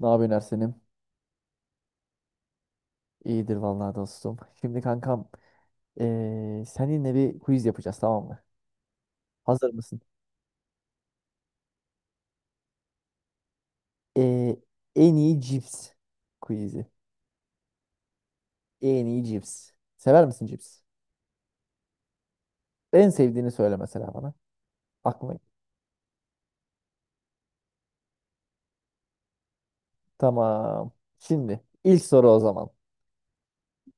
Ne yapıyorsun Ersen'im? İyidir vallahi dostum. Şimdi kankam seninle bir quiz yapacağız, tamam mı? Hazır mısın? Eee, en iyi cips quizi. En iyi cips. Sever misin cips? En sevdiğini söyle mesela bana. Aklıma. Tamam. Şimdi ilk soru o zaman.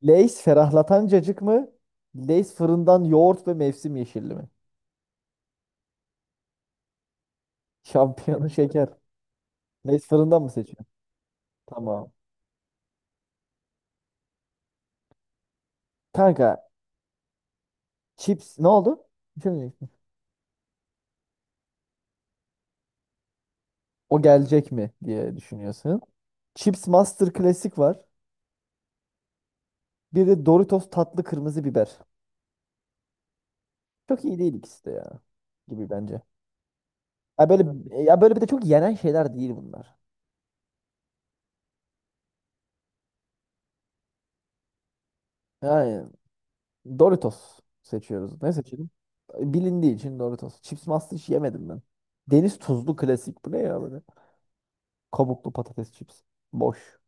Lay's ferahlatan cacık mı? Lay's fırından yoğurt ve mevsim yeşilli mi? Şampiyonu şeker. Lay's fırından mı seçiyorsun? Tamam. Kanka chips. Ne oldu? Şimdi o gelecek mi diye düşünüyorsun. Chips Master Klasik var. Bir de Doritos tatlı kırmızı biber. Çok iyi değil ikisi de ya, gibi bence. Ya böyle, ya böyle, bir de çok yenen şeyler değil bunlar. Yani Doritos seçiyoruz. Ne seçelim? Bilindiği için Doritos. Chips Master hiç yemedim ben. Deniz tuzlu klasik. Bu ne ya böyle? Kabuklu patates chips. Boş.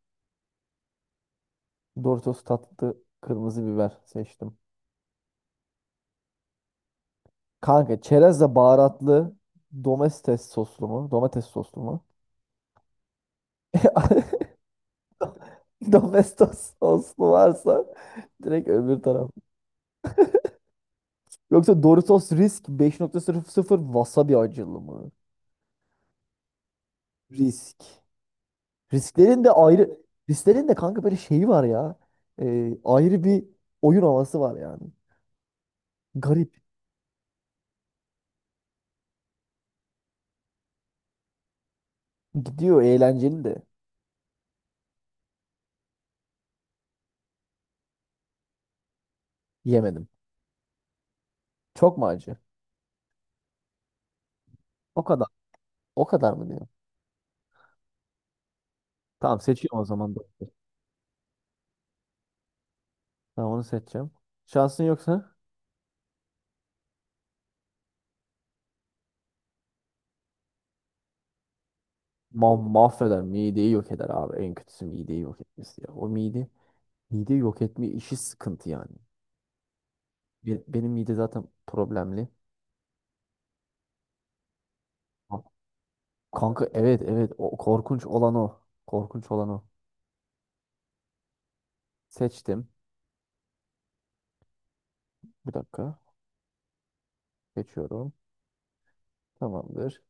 Doritos tatlı kırmızı biber seçtim. Kanka çerezle baharatlı domates soslu mu? Domates soslu mu? Domestos soslu varsa direkt öbür taraf. Yoksa Doritos Risk 5.00 wasabi acılı mı? Risk. Risklerin de ayrı, risklerin de kanka böyle şeyi var ya. Ayrı bir oyun havası var yani. Garip. Gidiyor, eğlenceli de. Yemedim. Çok mu acı? O kadar. O kadar mı diyor? Tamam, seçiyorum o zaman. Doritos. Tamam, onu seçeceğim. Şansın yoksa mahveder. Mideyi yok eder abi. En kötüsü mideyi yok etmesi ya. O mide. Mide yok etme işi sıkıntı yani. Benim mide zaten problemli. Ha, kanka, evet evet, o korkunç olan o. Korkunç olan o. Seçtim. Bir dakika. Geçiyorum. Tamamdır.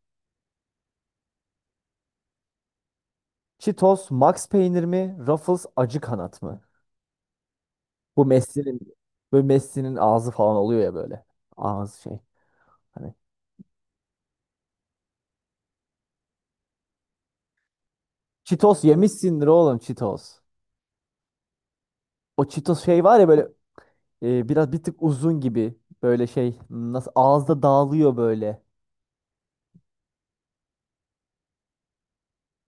Cheetos Max peynir mi? Ruffles acı kanat mı? Bu Messi'nin böyle, Messi'nin ağzı falan oluyor ya böyle. Ağzı şey. Hani Cheetos yemişsindir oğlum, Cheetos. O Cheetos şey var ya böyle, biraz bir tık uzun gibi. Böyle şey nasıl ağızda dağılıyor böyle.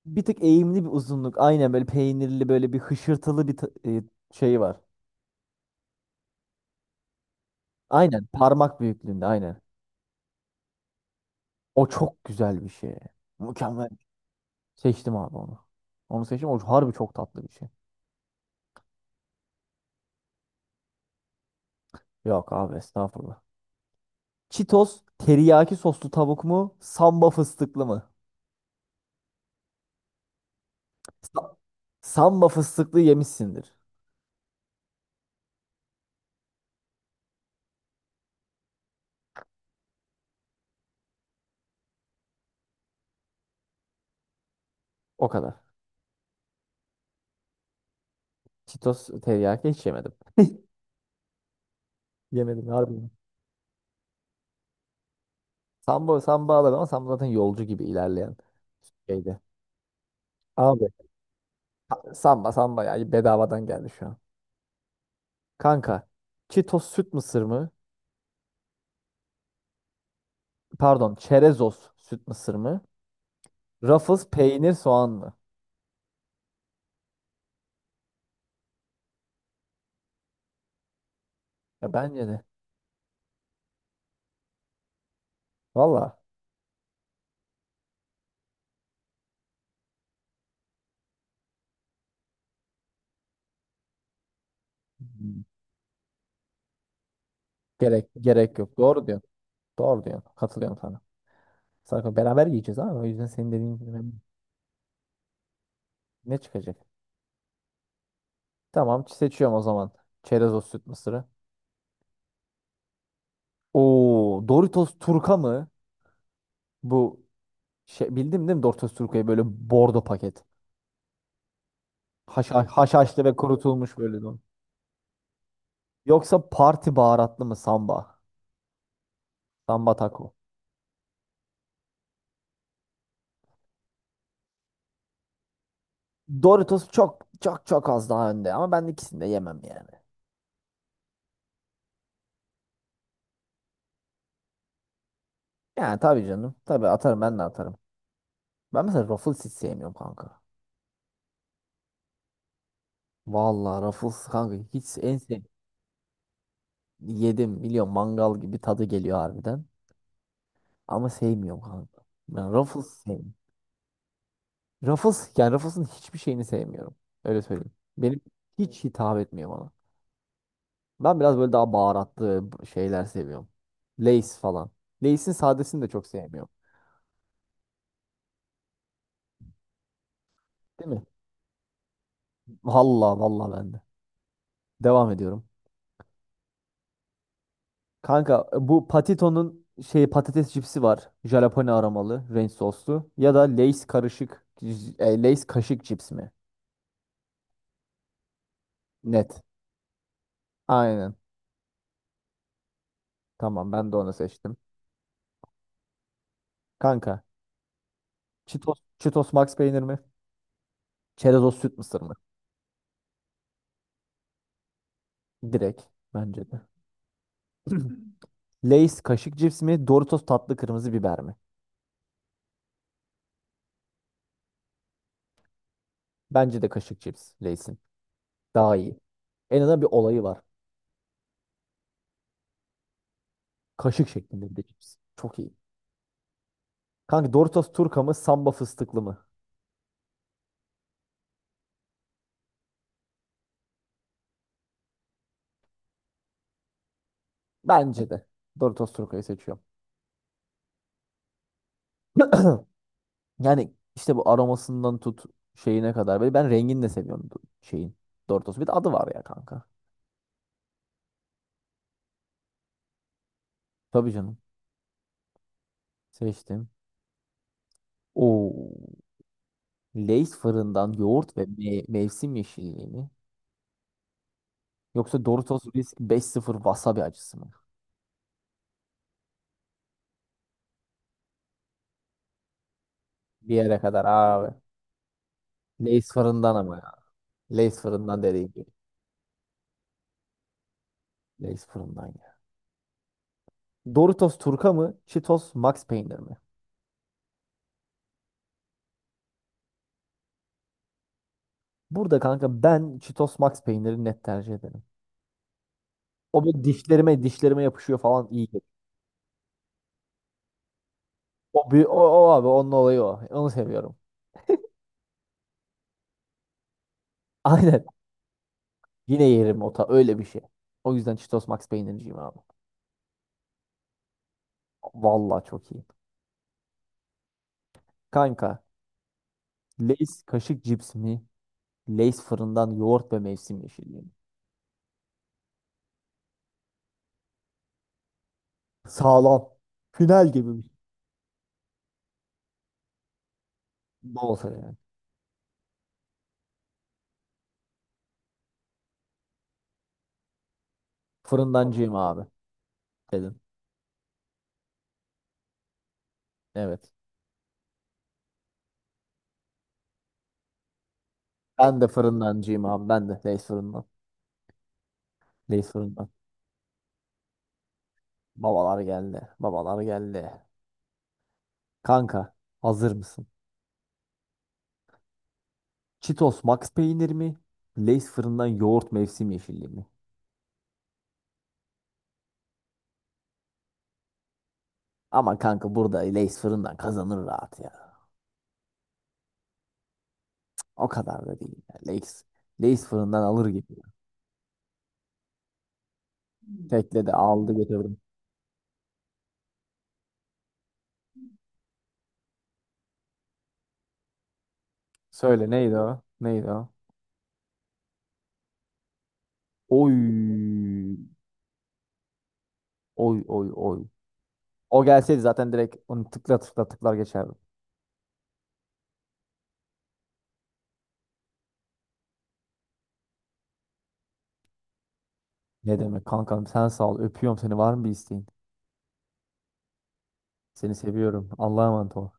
Bir tık eğimli bir uzunluk. Aynen, böyle peynirli böyle bir hışırtılı bir şey var. Aynen parmak büyüklüğünde, aynen. O çok güzel bir şey. Mükemmel. Seçtim abi onu. Onu seçtim. O harbi çok tatlı bir şey. Yok abi, estağfurullah. Cheetos teriyaki soslu tavuk mu? Samba fıstıklı mı? Sa- Samba fıstıklı yemişsindir. O kadar. Cheetos teriyaki hiç yemedim. Yemedim harbi. Samba, samba alırım ama samba zaten yolcu gibi ilerleyen şeydi. Abi, ha, samba samba ya, bedavadan geldi şu an. Kanka Cheetos süt mısır mı? Pardon, Çerezos süt mısır mı? Ruffles peynir soğan mı? Ya bence de. Valla. Hmm. Gerek yok. Doğru diyorsun. Doğru diyorsun. Katılıyorum sana. Sarko beraber yiyeceğiz ama o yüzden senin dediğin gibi ben- ne çıkacak? Tamam, seçiyorum o zaman. Çerezos süt mısırı. Oo, Doritos Turka mı? Bu şey bildim değil mi, Doritos Turka'yı, böyle bordo paket. Haşa, haşhaşlı ve kurutulmuş böyle. Yoksa parti baharatlı mı samba? Samba taco. Doritos çok çok çok az daha önde ama ben ikisini de yemem yani. Yani tabii canım. Tabii atarım, ben de atarım. Ben mesela Ruffles hiç sevmiyorum kanka. Vallahi Ruffles kanka hiç en sev yedim, biliyorum, mangal gibi tadı geliyor harbiden. Ama sevmiyorum kanka. Ben Ruffles sevmiyorum. Ruffles, yani Ruffles'ın hiçbir şeyini sevmiyorum. Öyle söyleyeyim. Benim hiç hitap etmiyor bana. Ben biraz böyle daha baharatlı şeyler seviyorum. Lay's falan. Lay's'in sadesini de çok sevmiyorum. Değil mi? Valla valla, ben de. Devam ediyorum. Kanka, bu Patito'nun şey patates cipsi var. Jalapeno aromalı, ranch soslu. Ya da Lay's karışık, Lay's kaşık cips mi? Net. Aynen. Tamam, ben de onu seçtim. Kanka Cheetos Max peynir mi? Çerezos süt mısır mı? Direkt bence de. Lay's kaşık cips mi? Doritos tatlı kırmızı biber mi? Bence de kaşık cips Lay's'in. Daha iyi. En azından bir olayı var. Kaşık şeklinde bir de cips. Çok iyi. Kanka Doritos Turka mı, Samba fıstıklı mı? Bence de. Doritos Turka'yı seçiyorum. Yani işte bu aromasından tut, şeyine kadar. Böyle, ben rengini de seviyorum bu şeyin. Doritos. Bir de adı var ya kanka. Tabii canım. Seçtim. Oo. Lay's fırından yoğurt ve mevsim yeşilliği mi? Yoksa Doritos Risk 5-0 wasabi acısı mı? Bir yere kadar abi. Lay's fırından ama. Lay's fırından dediğim gibi. Lay's fırından ya. Doritos Turka mı? Cheetos Max Peynir mi? Burada kanka ben Cheetos Max Peynir'i net tercih ederim. O böyle dişlerime dişlerime yapışıyor falan, iyi geliyor. O, o abi, onun olayı o. Onu seviyorum. Aynen. Yine yerim, ota öyle bir şey. O yüzden Cheetos Max Peynirciyim abi. Vallahi çok iyi. Kanka Lay's kaşık cips mi? Lay's fırından yoğurt ve mevsim yeşilliği mi? Sağlam. Final gibi bir şey. Bol yani. Fırındancıyım abi, dedim. Evet. Ben de fırındancıyım abi. Ben de Lays fırından. Lays fırından. Babalar geldi. Babalar geldi. Kanka, hazır mısın? Cheetos Max peynir mi? Lays fırından yoğurt mevsim yeşilliği mi? Ama kanka burada Lays fırından kazanır rahat ya. O kadar da değil. Ya. Lays fırından alır gibi. Tekle de aldı götürdüm. Söyle, neydi o? Neydi o? Oy. Oy oy oy. O gelseydi zaten direkt onu tıkla tıkla tıklar geçerdim. Ne demek kankam, sen sağ ol. Öpüyorum seni. Var mı bir isteğin? Seni seviyorum. Allah'a emanet ol.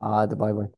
Hadi bay bay.